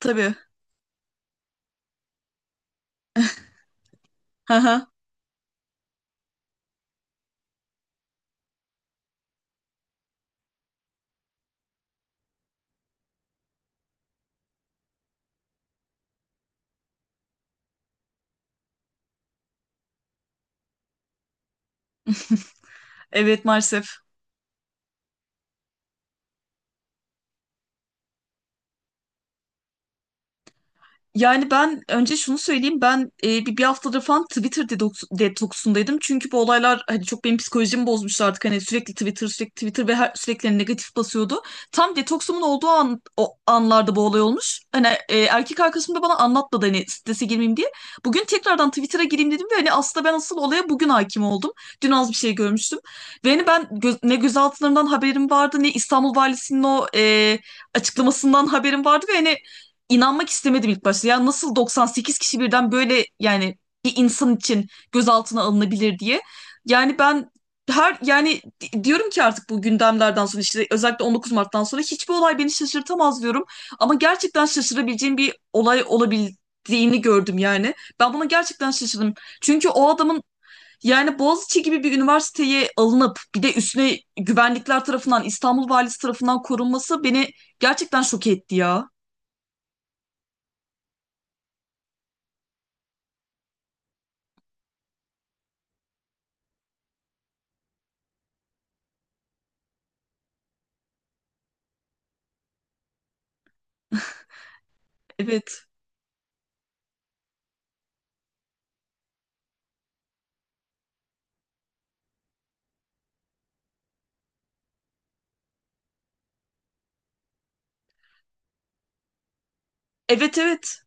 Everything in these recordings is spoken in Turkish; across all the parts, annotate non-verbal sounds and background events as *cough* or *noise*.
Tabii. *laughs* Hı. Evet, maalesef. Yani ben önce şunu söyleyeyim, ben bir haftadır falan Twitter detoksundaydım. Çünkü bu olaylar hani çok benim psikolojimi bozmuştu artık. Hani sürekli Twitter, sürekli Twitter ve sürekli negatif basıyordu. Tam detoksumun olduğu an, o anlarda bu olay olmuş. Hani erkek arkadaşım da bana anlatmadı, hani strese girmeyeyim diye. Bugün tekrardan Twitter'a gireyim dedim ve hani aslında ben asıl olaya bugün hakim oldum. Dün az bir şey görmüştüm. Ve hani ben ne gözaltılarından haberim vardı ne İstanbul Valisi'nin o açıklamasından haberim vardı ve hani İnanmak istemedim ilk başta. Ya nasıl 98 kişi birden, böyle yani bir insan için gözaltına alınabilir diye. Yani ben her, yani diyorum ki artık bu gündemlerden sonra, işte özellikle 19 Mart'tan sonra hiçbir olay beni şaşırtamaz diyorum. Ama gerçekten şaşırabileceğim bir olay olabildiğini gördüm yani. Ben buna gerçekten şaşırdım. Çünkü o adamın, yani Boğaziçi gibi bir üniversiteye alınıp bir de üstüne güvenlikler tarafından, İstanbul Valisi tarafından korunması beni gerçekten şok etti ya. Evet. Evet, evet.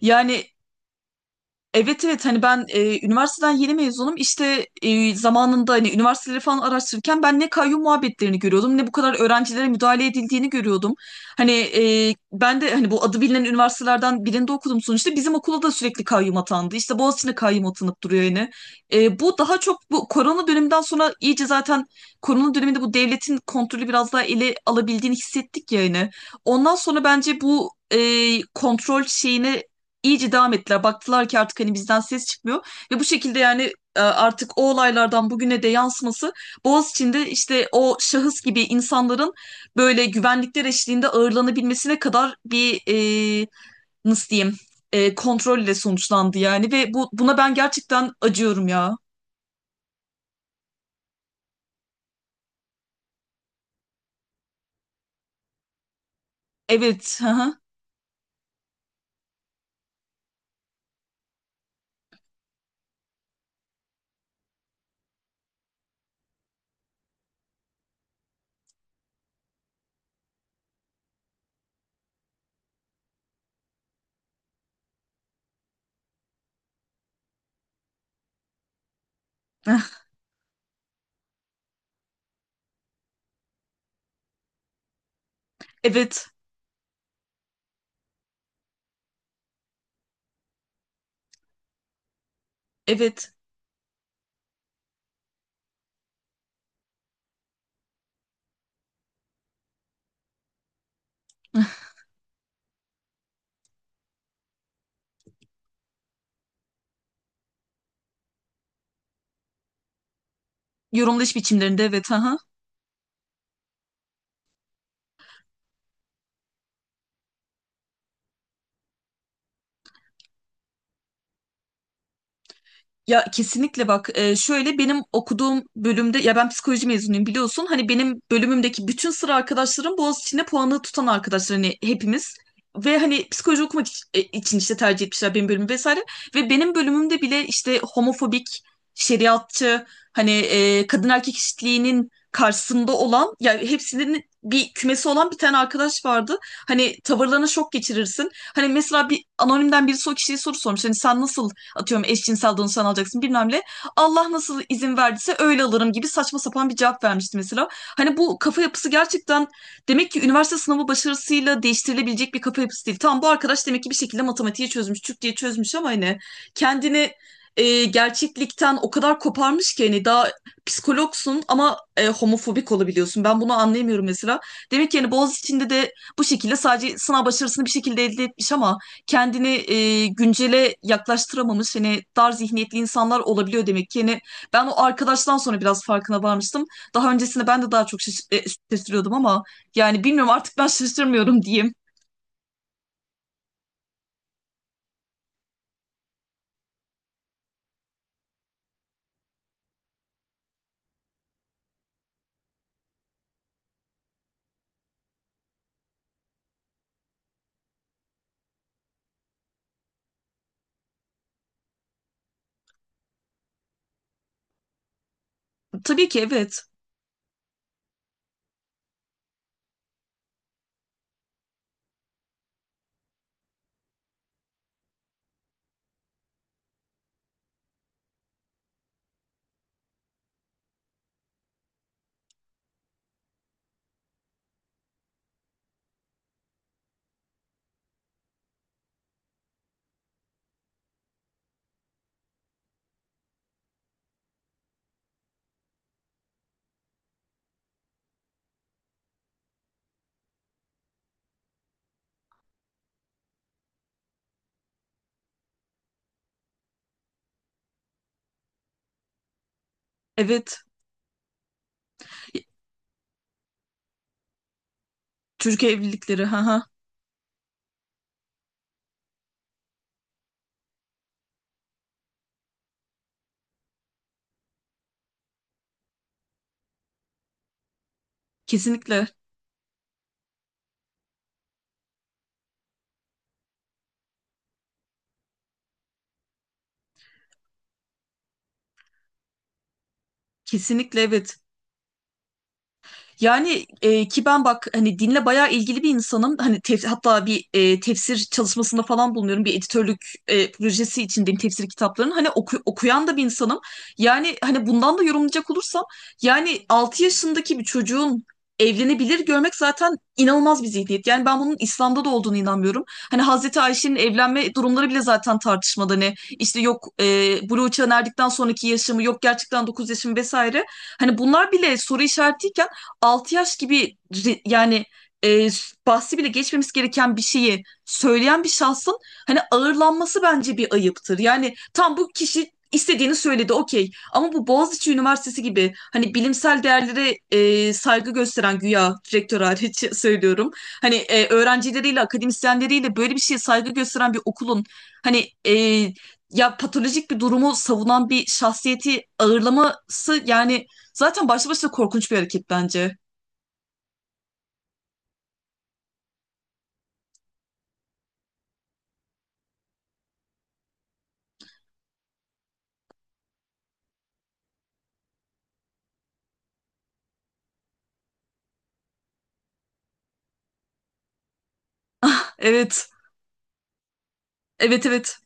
Yani, evet, evet, hani ben üniversiteden yeni mezunum, işte zamanında hani üniversiteleri falan araştırırken ben ne kayyum muhabbetlerini görüyordum ne bu kadar öğrencilere müdahale edildiğini görüyordum. Hani ben de hani bu adı bilinen üniversitelerden birinde okudum sonuçta, bizim okula da sürekli kayyum atandı, işte Boğaziçi'ne kayyum atanıp duruyor yani. Bu daha çok bu korona döneminden sonra iyice, zaten korona döneminde bu devletin kontrolü biraz daha ele alabildiğini hissettik yani. Ondan sonra bence bu kontrol şeyini iyice devam ettiler. Baktılar ki artık hani bizden ses çıkmıyor. Ve bu şekilde, yani artık o olaylardan bugüne de yansıması, Boğaziçi'nde işte o şahıs gibi insanların böyle güvenlikler eşliğinde ağırlanabilmesine kadar bir nasıl diyeyim, kontrolle sonuçlandı yani. Ve buna ben gerçekten acıyorum ya. Evet. Hı hı. *laughs* Evet. Evet. Yorumlayış biçimlerinde, evet. Hı hı. Ya kesinlikle, bak, şöyle, benim okuduğum bölümde, ya ben psikoloji mezunuyum biliyorsun, hani benim bölümümdeki bütün sıra arkadaşlarım Boğaziçi'nde puanı tutan arkadaşlar, hani hepimiz ve hani psikoloji okumak için işte tercih etmişler benim bölümü vesaire ve benim bölümümde bile işte homofobik, şeriatçı, hani kadın erkek eşitliğinin karşısında olan, yani hepsinin bir kümesi olan bir tane arkadaş vardı. Hani tavırlarına şok geçirirsin. Hani mesela bir anonimden birisi o kişiye soru sormuş. Hani sen nasıl, atıyorum, eşcinsel danışan alacaksın bilmem ne. Allah nasıl izin verdiyse öyle alırım gibi saçma sapan bir cevap vermişti mesela. Hani bu kafa yapısı gerçekten, demek ki üniversite sınavı başarısıyla değiştirilebilecek bir kafa yapısı değil. Tamam, bu arkadaş demek ki bir şekilde matematiği çözmüş, Türkçeyi çözmüş ama hani kendini gerçeklikten o kadar koparmış ki, hani daha psikologsun ama homofobik olabiliyorsun. Ben bunu anlayamıyorum mesela. Demek ki yani Boğaziçi'nde de bu şekilde sadece sınav başarısını bir şekilde elde etmiş ama kendini güncele yaklaştıramamış, hani dar zihniyetli insanlar olabiliyor demek ki. Yani ben o arkadaştan sonra biraz farkına varmıştım. Daha öncesinde ben de daha çok şaşırıyordum ama yani bilmiyorum, artık ben şaşırmıyorum diyeyim. Tabii ki, evet. Evet. Çocuk evlilikleri. Ha ha. Kesinlikle. Kesinlikle, evet. Yani ki ben bak hani dinle bayağı ilgili bir insanım. Hani hatta bir tefsir çalışmasında falan bulunuyorum. Bir editörlük projesi içindeyim tefsir kitaplarının. Hani okuyan da bir insanım. Yani hani bundan da yorumlayacak olursam yani 6 yaşındaki bir çocuğun evlenebilir görmek zaten inanılmaz bir zihniyet. Yani ben bunun İslam'da da olduğunu inanmıyorum. Hani Hazreti Ayşe'nin evlenme durumları bile zaten tartışmalı. Hani işte yok, buluğa erdikten sonraki yaşamı, yok gerçekten 9 yaşım vesaire. Hani bunlar bile soru işaretiyken 6 yaş gibi yani, bahsi bile geçmemiz gereken bir şeyi söyleyen bir şahsın hani ağırlanması bence bir ayıptır. Yani tam bu kişi istediğini söyledi, okey, ama bu Boğaziçi Üniversitesi gibi hani bilimsel değerlere saygı gösteren, güya, direktör hariç, *laughs* söylüyorum. Hani öğrencileriyle, akademisyenleriyle böyle bir şeye saygı gösteren bir okulun hani ya patolojik bir durumu savunan bir şahsiyeti ağırlaması, yani zaten başlı başına korkunç bir hareket bence. Evet. Evet, evet.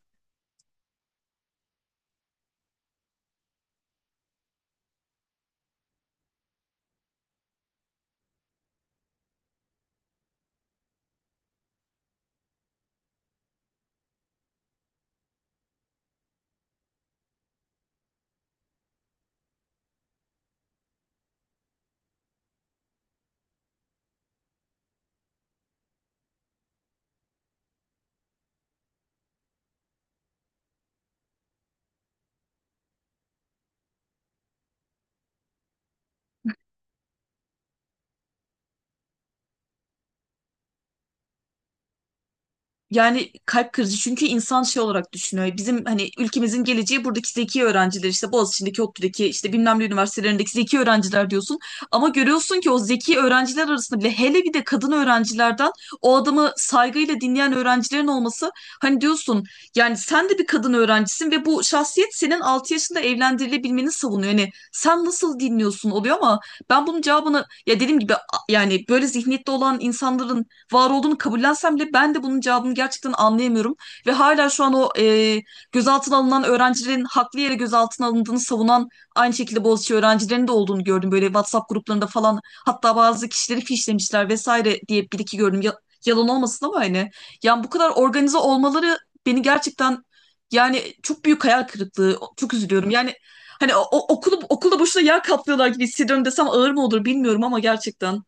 Yani kalp kırıcı, çünkü insan şey olarak düşünüyor. Bizim hani ülkemizin geleceği buradaki zeki öğrenciler, işte Boğaziçi'ndeki, ODTÜ'deki, işte bilmem ne üniversitelerindeki zeki öğrenciler diyorsun. Ama görüyorsun ki o zeki öğrenciler arasında bile, hele bir de kadın öğrencilerden o adamı saygıyla dinleyen öğrencilerin olması, hani diyorsun, yani sen de bir kadın öğrencisin ve bu şahsiyet senin 6 yaşında evlendirilebilmeni savunuyor. Yani sen nasıl dinliyorsun oluyor ama ben bunun cevabını, ya, dediğim gibi, yani böyle zihniyette olan insanların var olduğunu kabullensem bile ben de bunun cevabını gerçekten anlayamıyorum. Ve hala şu an o gözaltına alınan öğrencilerin haklı yere gözaltına alındığını savunan, aynı şekilde Boğaziçi öğrencilerinin de olduğunu gördüm. Böyle WhatsApp gruplarında falan hatta bazı kişileri fişlemişler vesaire diye bir iki gördüm. Yalan olmasın ama hani. Yani bu kadar organize olmaları beni gerçekten, yani çok büyük hayal kırıklığı. Çok üzülüyorum. Yani, hani o, o- okulu okulda boşuna yağ kaplıyorlar gibi hissediyorum desem ağır mı olur bilmiyorum ama gerçekten.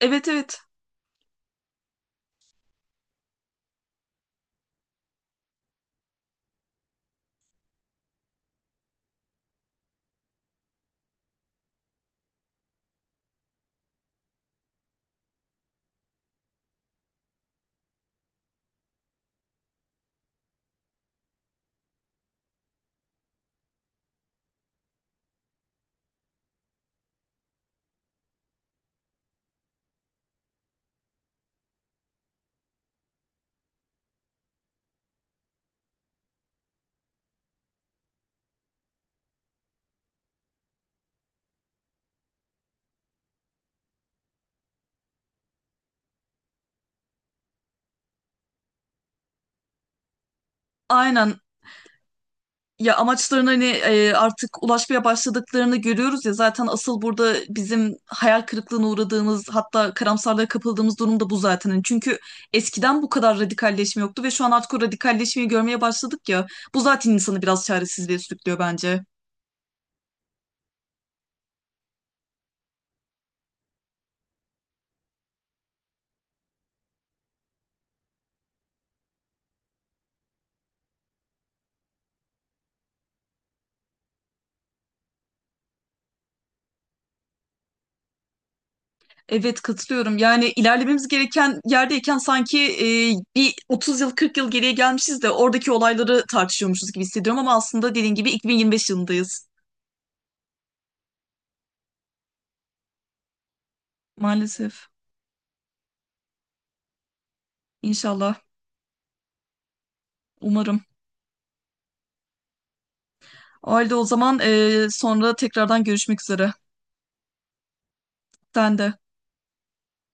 Evet, evet. Aynen. Ya amaçlarına hani artık ulaşmaya başladıklarını görüyoruz ya, zaten asıl burada bizim hayal kırıklığına uğradığımız, hatta karamsarlığa kapıldığımız durum da bu zaten. Hani çünkü eskiden bu kadar radikalleşme yoktu ve şu an artık o radikalleşmeyi görmeye başladık ya. Bu zaten insanı biraz çaresizliğe sürüklüyor bence. Evet, katılıyorum. Yani ilerlememiz gereken yerdeyken sanki bir 30 yıl, 40 yıl geriye gelmişiz de oradaki olayları tartışıyormuşuz gibi hissediyorum ama aslında dediğin gibi 2025 yılındayız. Maalesef. İnşallah. Umarım. O halde o zaman, sonra tekrardan görüşmek üzere. Sen de.